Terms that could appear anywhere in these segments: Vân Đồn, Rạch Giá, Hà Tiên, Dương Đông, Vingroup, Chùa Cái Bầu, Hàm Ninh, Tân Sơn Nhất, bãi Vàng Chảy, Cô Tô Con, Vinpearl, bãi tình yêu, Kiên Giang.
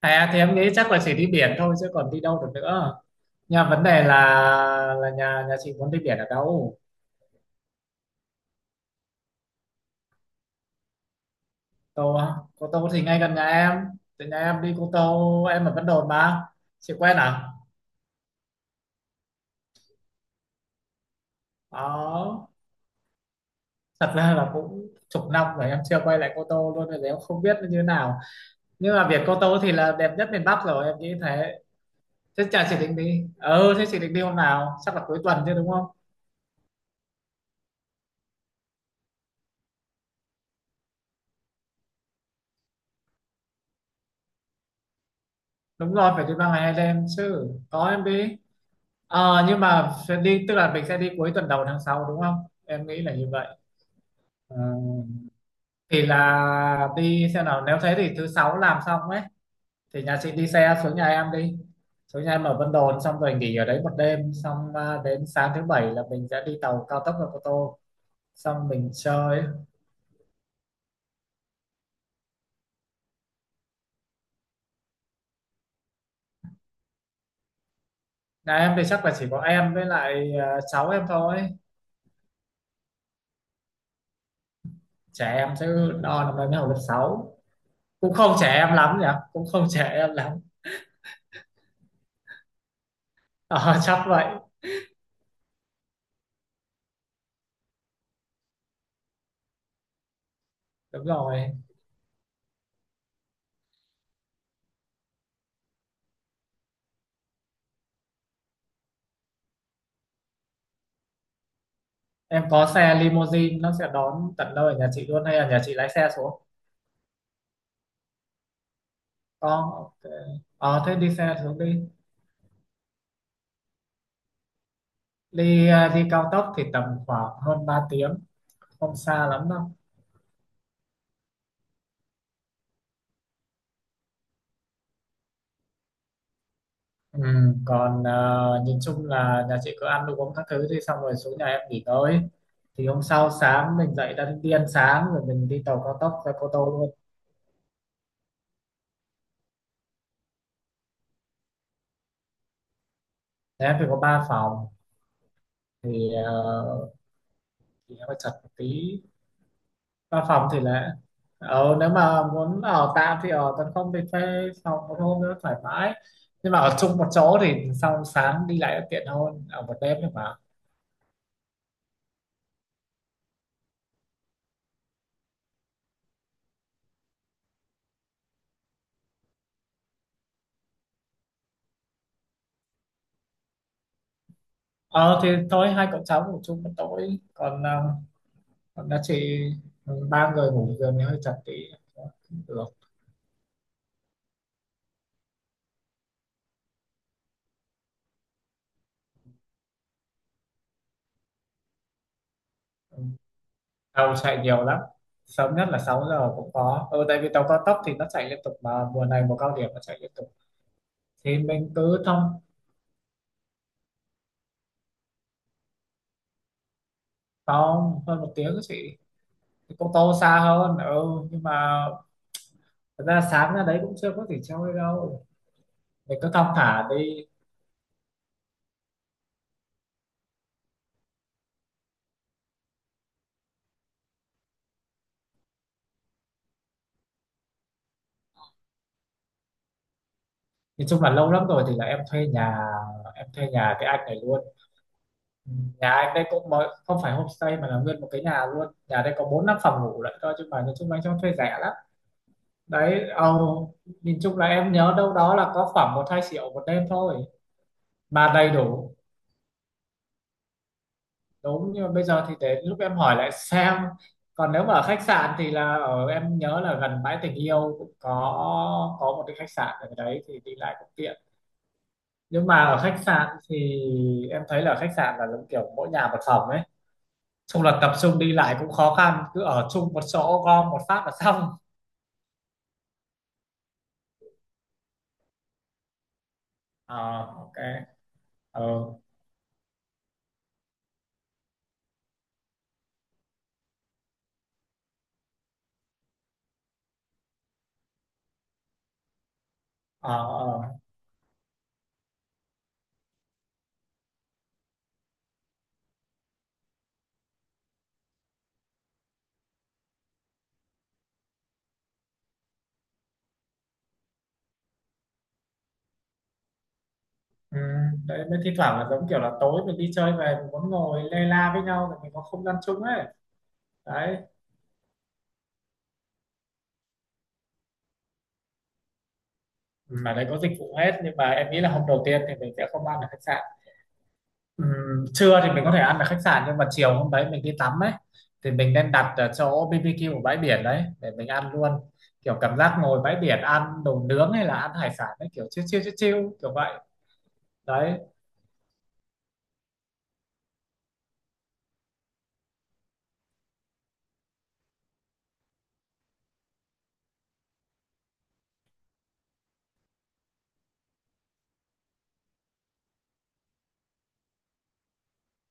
À thì em nghĩ chắc là chỉ đi biển thôi, chứ còn đi đâu được nữa. Nhà vấn đề là nhà nhà chị muốn đi biển ở đâu? Tô á? Cô Tô thì ngay gần nhà em. Từ nhà em đi Cô Tô, em ở Vân Đồn mà. Chị quen à? Đó. Thật ra là cũng chục năm rồi em chưa quay lại Cô Tô luôn rồi, em không biết nó như thế nào. Nhưng mà biển Cô Tô thì là đẹp nhất miền Bắc rồi, em nghĩ thế. Thế chả chị định đi. Ừ, thế chị định đi hôm nào? Chắc là cuối tuần chứ, đúng không? Đúng rồi, phải đi ba ngày hai đêm chứ. Có em đi. Ờ, nhưng mà sẽ đi, tức là mình sẽ đi cuối tuần đầu tháng 6 đúng không? Em nghĩ là như vậy. Ờ, thì là đi, xem nào, nếu thế thì thứ sáu làm xong ấy thì nhà chị đi xe xuống nhà em đi. Xuống nhà em ở Vân Đồn xong rồi nghỉ ở đấy một đêm xong đến sáng thứ bảy là mình sẽ đi tàu cao tốc ra Cô Tô, xong mình chơi. Nhà em thì chắc là chỉ có em với lại cháu em thôi. Trẻ em chứ, đo năm nay mới học lớp sáu. Cũng không trẻ em lắm nhỉ, cũng không trẻ em lắm. Ờ, chắc vậy. Đúng rồi. Em có xe limousine, nó sẽ đón tận nơi ở nhà chị luôn hay là nhà chị lái xe xuống? Có, ok. Ờ, thế đi xe xuống đi. Đi cao tốc thì tầm khoảng hơn 3 tiếng, không xa lắm đâu. Ừ, còn nhìn chung là nhà chị cứ ăn đồ uống các thứ đi xong rồi xuống nhà em nghỉ tới, thì hôm sau sáng mình dậy đã, đi ăn sáng rồi mình đi tàu cao tốc ra Cô Tô luôn. Thế em phải có ba phòng thì uh, thì em phải chật một tí. Văn phòng thì là, ờ, nếu mà muốn ở tạm thì ở tấn, không thì thuê phòng một hôm nữa thoải mái, nhưng mà ở chung một chỗ thì sau sáng đi lại tiện hơn ở một đêm. Nhưng mà ờ, thì thôi hai cậu cháu ngủ chung một tối, còn ờ, còn đã chị, ừ, ba người ngủ giường thì hơi chật tí. Cũng được. Ừ. Tàu chạy nhiều lắm, sớm nhất là 6 giờ cũng có, ừ, tại vì tàu cao tốc thì nó chạy liên tục mà, mùa này mùa cao điểm nó chạy liên tục thì mình cứ thông. Không, hơn một tiếng chị. Cô Tô xa hơn. Ừ, nhưng mà thật ra sáng ra đấy cũng chưa có gì chơi đâu, mình cứ thong thả đi. Nói chung là lâu lắm rồi, thì là em thuê nhà, em thuê nhà cái anh này luôn. Ừ, nhà anh đây cũng mới, không phải homestay mà là nguyên một cái nhà luôn. Nhà đây có bốn năm phòng ngủ lại thôi chứ, mà nói chung là anh cho thuê rẻ lắm. Đấy. Ồ, nhìn chung là em nhớ đâu đó là có khoảng một hai triệu một đêm thôi mà đầy đủ. Đúng, nhưng mà bây giờ thì đến lúc em hỏi lại xem. Còn nếu mà ở khách sạn thì là ở, em nhớ là gần bãi tình yêu cũng có một cái khách sạn ở đấy thì đi lại cũng tiện. Nhưng mà ở khách sạn thì em thấy là khách sạn là giống kiểu mỗi nhà một phòng ấy, chung là tập trung đi lại cũng khó khăn, cứ ở chung một chỗ gom một phát là xong. Ờ, ok. Ờ, ờ, ờ, ừ. Đấy, mới thi thoảng là giống kiểu là tối mình đi chơi về mình muốn ngồi lê la với nhau để mình có không gian chung ấy. Đấy. Mà đấy có dịch vụ hết, nhưng mà em nghĩ là hôm đầu tiên thì mình sẽ không ăn ở khách sạn. Trưa thì mình có thể ăn ở khách sạn, nhưng mà chiều hôm đấy mình đi tắm ấy thì mình nên đặt ở chỗ BBQ ở bãi biển đấy để mình ăn luôn. Kiểu cảm giác ngồi bãi biển ăn đồ nướng hay là ăn hải sản ấy, kiểu chill chill chill chill kiểu vậy. Đấy.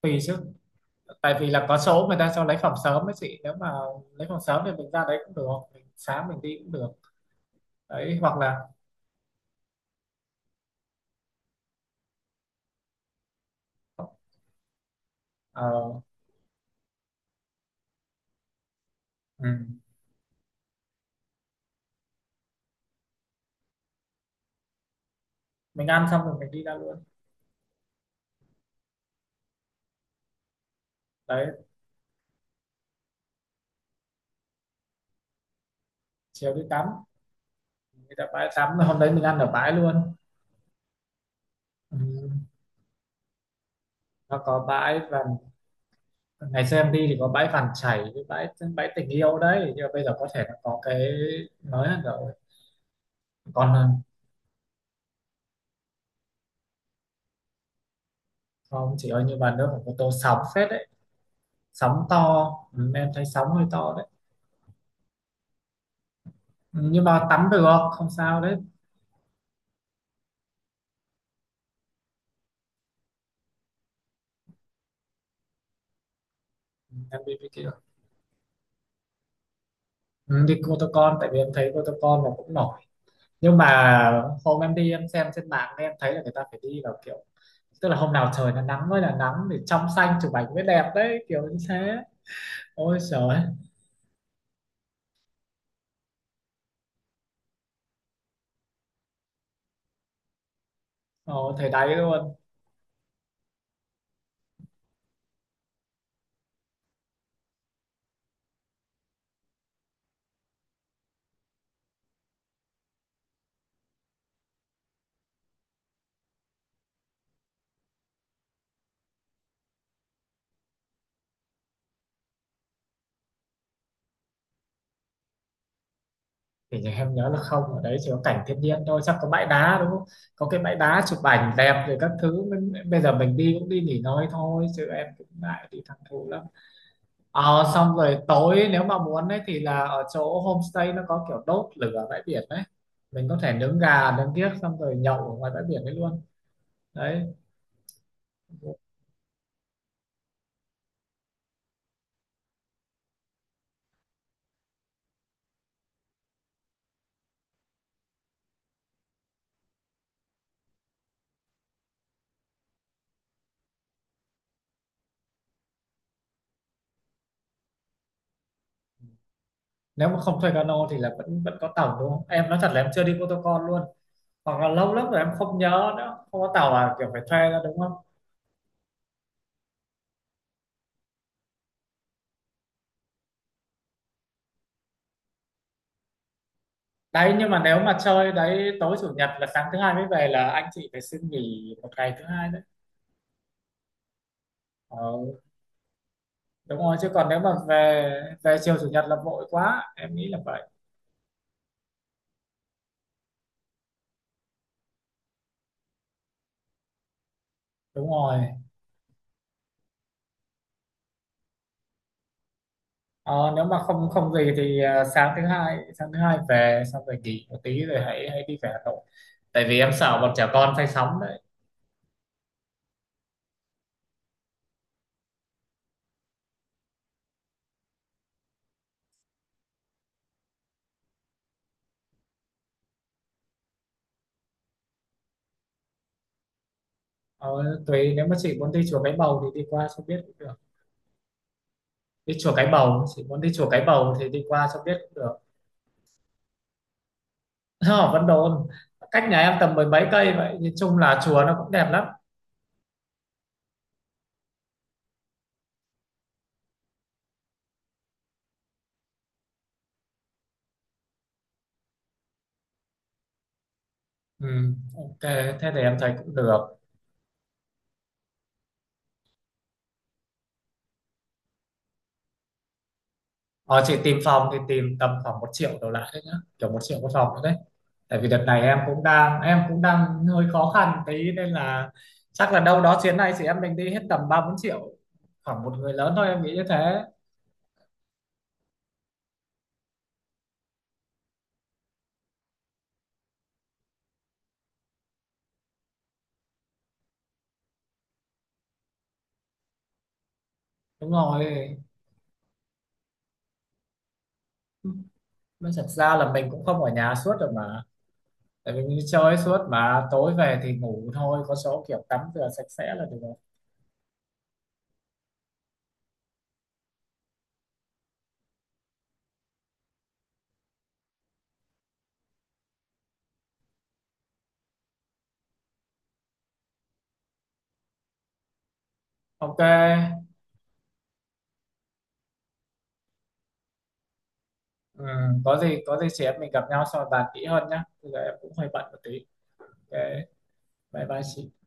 Tùy chứ, tại vì là có số người ta cho lấy phòng sớm ấy chị, nếu mà lấy phòng sớm thì mình ra đấy cũng được, mình sáng mình đi cũng được. Đấy, hoặc là, ờ, ừm, mình ăn xong rồi mình đi ra luôn. Đấy, chiều đi tắm, người ta bãi tắm hôm đấy mình ăn ở bãi luôn. Ừ. Nó có bãi và ngày xưa em đi thì có bãi Vàng Chảy với bãi bãi tình yêu đấy, nhưng mà bây giờ có thể nó có cái mới hơn rồi. Còn không chỉ ơi như bà nước của tô sóng phết đấy. Sóng to, ừ, em thấy sóng hơi to đấy. Ừ, nhưng mà tắm được, không sao đấy. Ừ, em đi đi kia, ừ, đi Cô Tô Con, tại vì em thấy Cô Tô Con nó cũng nổi. Nhưng mà hôm em đi em xem trên mạng em thấy là người ta phải đi vào kiểu, tức là hôm nào trời nó nắng mới là nắng thì trong xanh chụp ảnh mới đẹp đấy, kiểu như thế. Ôi trời. Ồ thời đấy luôn. Thì nhà em nhớ là không, ở đấy chỉ có cảnh thiên nhiên thôi, chắc có bãi đá đúng không, có cái bãi đá chụp ảnh đẹp rồi các thứ. Mình- bây giờ mình đi cũng đi nghỉ ngơi thôi chứ em cũng ngại đi thẳng thú lắm. Ờ, xong rồi tối nếu mà muốn ấy thì là ở chỗ homestay nó có kiểu đốt lửa bãi biển đấy, mình có thể nướng gà nướng kiếc xong rồi nhậu ở ngoài bãi biển đấy luôn. Đấy. Nếu mà không thuê cano thì là vẫn vẫn có tàu đúng không? Em nói thật là em chưa đi Cô Tô Con luôn, hoặc là lâu lắm rồi em không nhớ nữa. Không có tàu là kiểu phải thuê ra đúng không? Đấy, nhưng mà nếu mà chơi đấy tối chủ nhật là sáng thứ hai mới về, là anh chị phải xin nghỉ một ngày thứ hai đấy. Ờ, đúng rồi, chứ còn nếu mà về, về chiều chủ nhật là vội quá, em nghĩ là vậy. Đúng rồi. Ờ, nếu mà không không gì thì sáng thứ hai, sáng thứ hai về xong rồi nghỉ một tí rồi hãy hãy đi về Hà Nội, tại vì em sợ bọn trẻ con say sóng đấy. Ờ, tùy, nếu mà chị muốn đi chùa Cái Bầu thì đi qua cho biết cũng được. Đi chùa Cái Bầu, chị muốn đi chùa Cái Bầu thì đi qua cho biết cũng được. Ở Vân Đồn, cách nhà em tầm mười mấy cây vậy, nhìn chung là chùa nó cũng đẹp lắm. Ừ, ok, thế thì em thấy cũng được. Ờ, chị tìm phòng thì tìm tầm khoảng một triệu đổ lại đấy nhá, kiểu một triệu một phòng nữa đấy. Tại vì đợt này em cũng đang, em cũng đang hơi khó khăn tí nên là chắc là đâu đó chuyến này chị em mình đi hết tầm ba bốn triệu khoảng một người lớn thôi, em nghĩ như thế. Đúng rồi. Nói thật ra là mình cũng không ở nhà suốt rồi mà, tại vì mình đi chơi suốt mà tối về thì ngủ thôi, có số kiểu tắm rửa sạch sẽ là được rồi. Ok. Ừ, có gì chị em mình gặp nhau sau bàn kỹ hơn nhá, bây giờ em cũng hơi bận một tí. Ok, bye bye chị.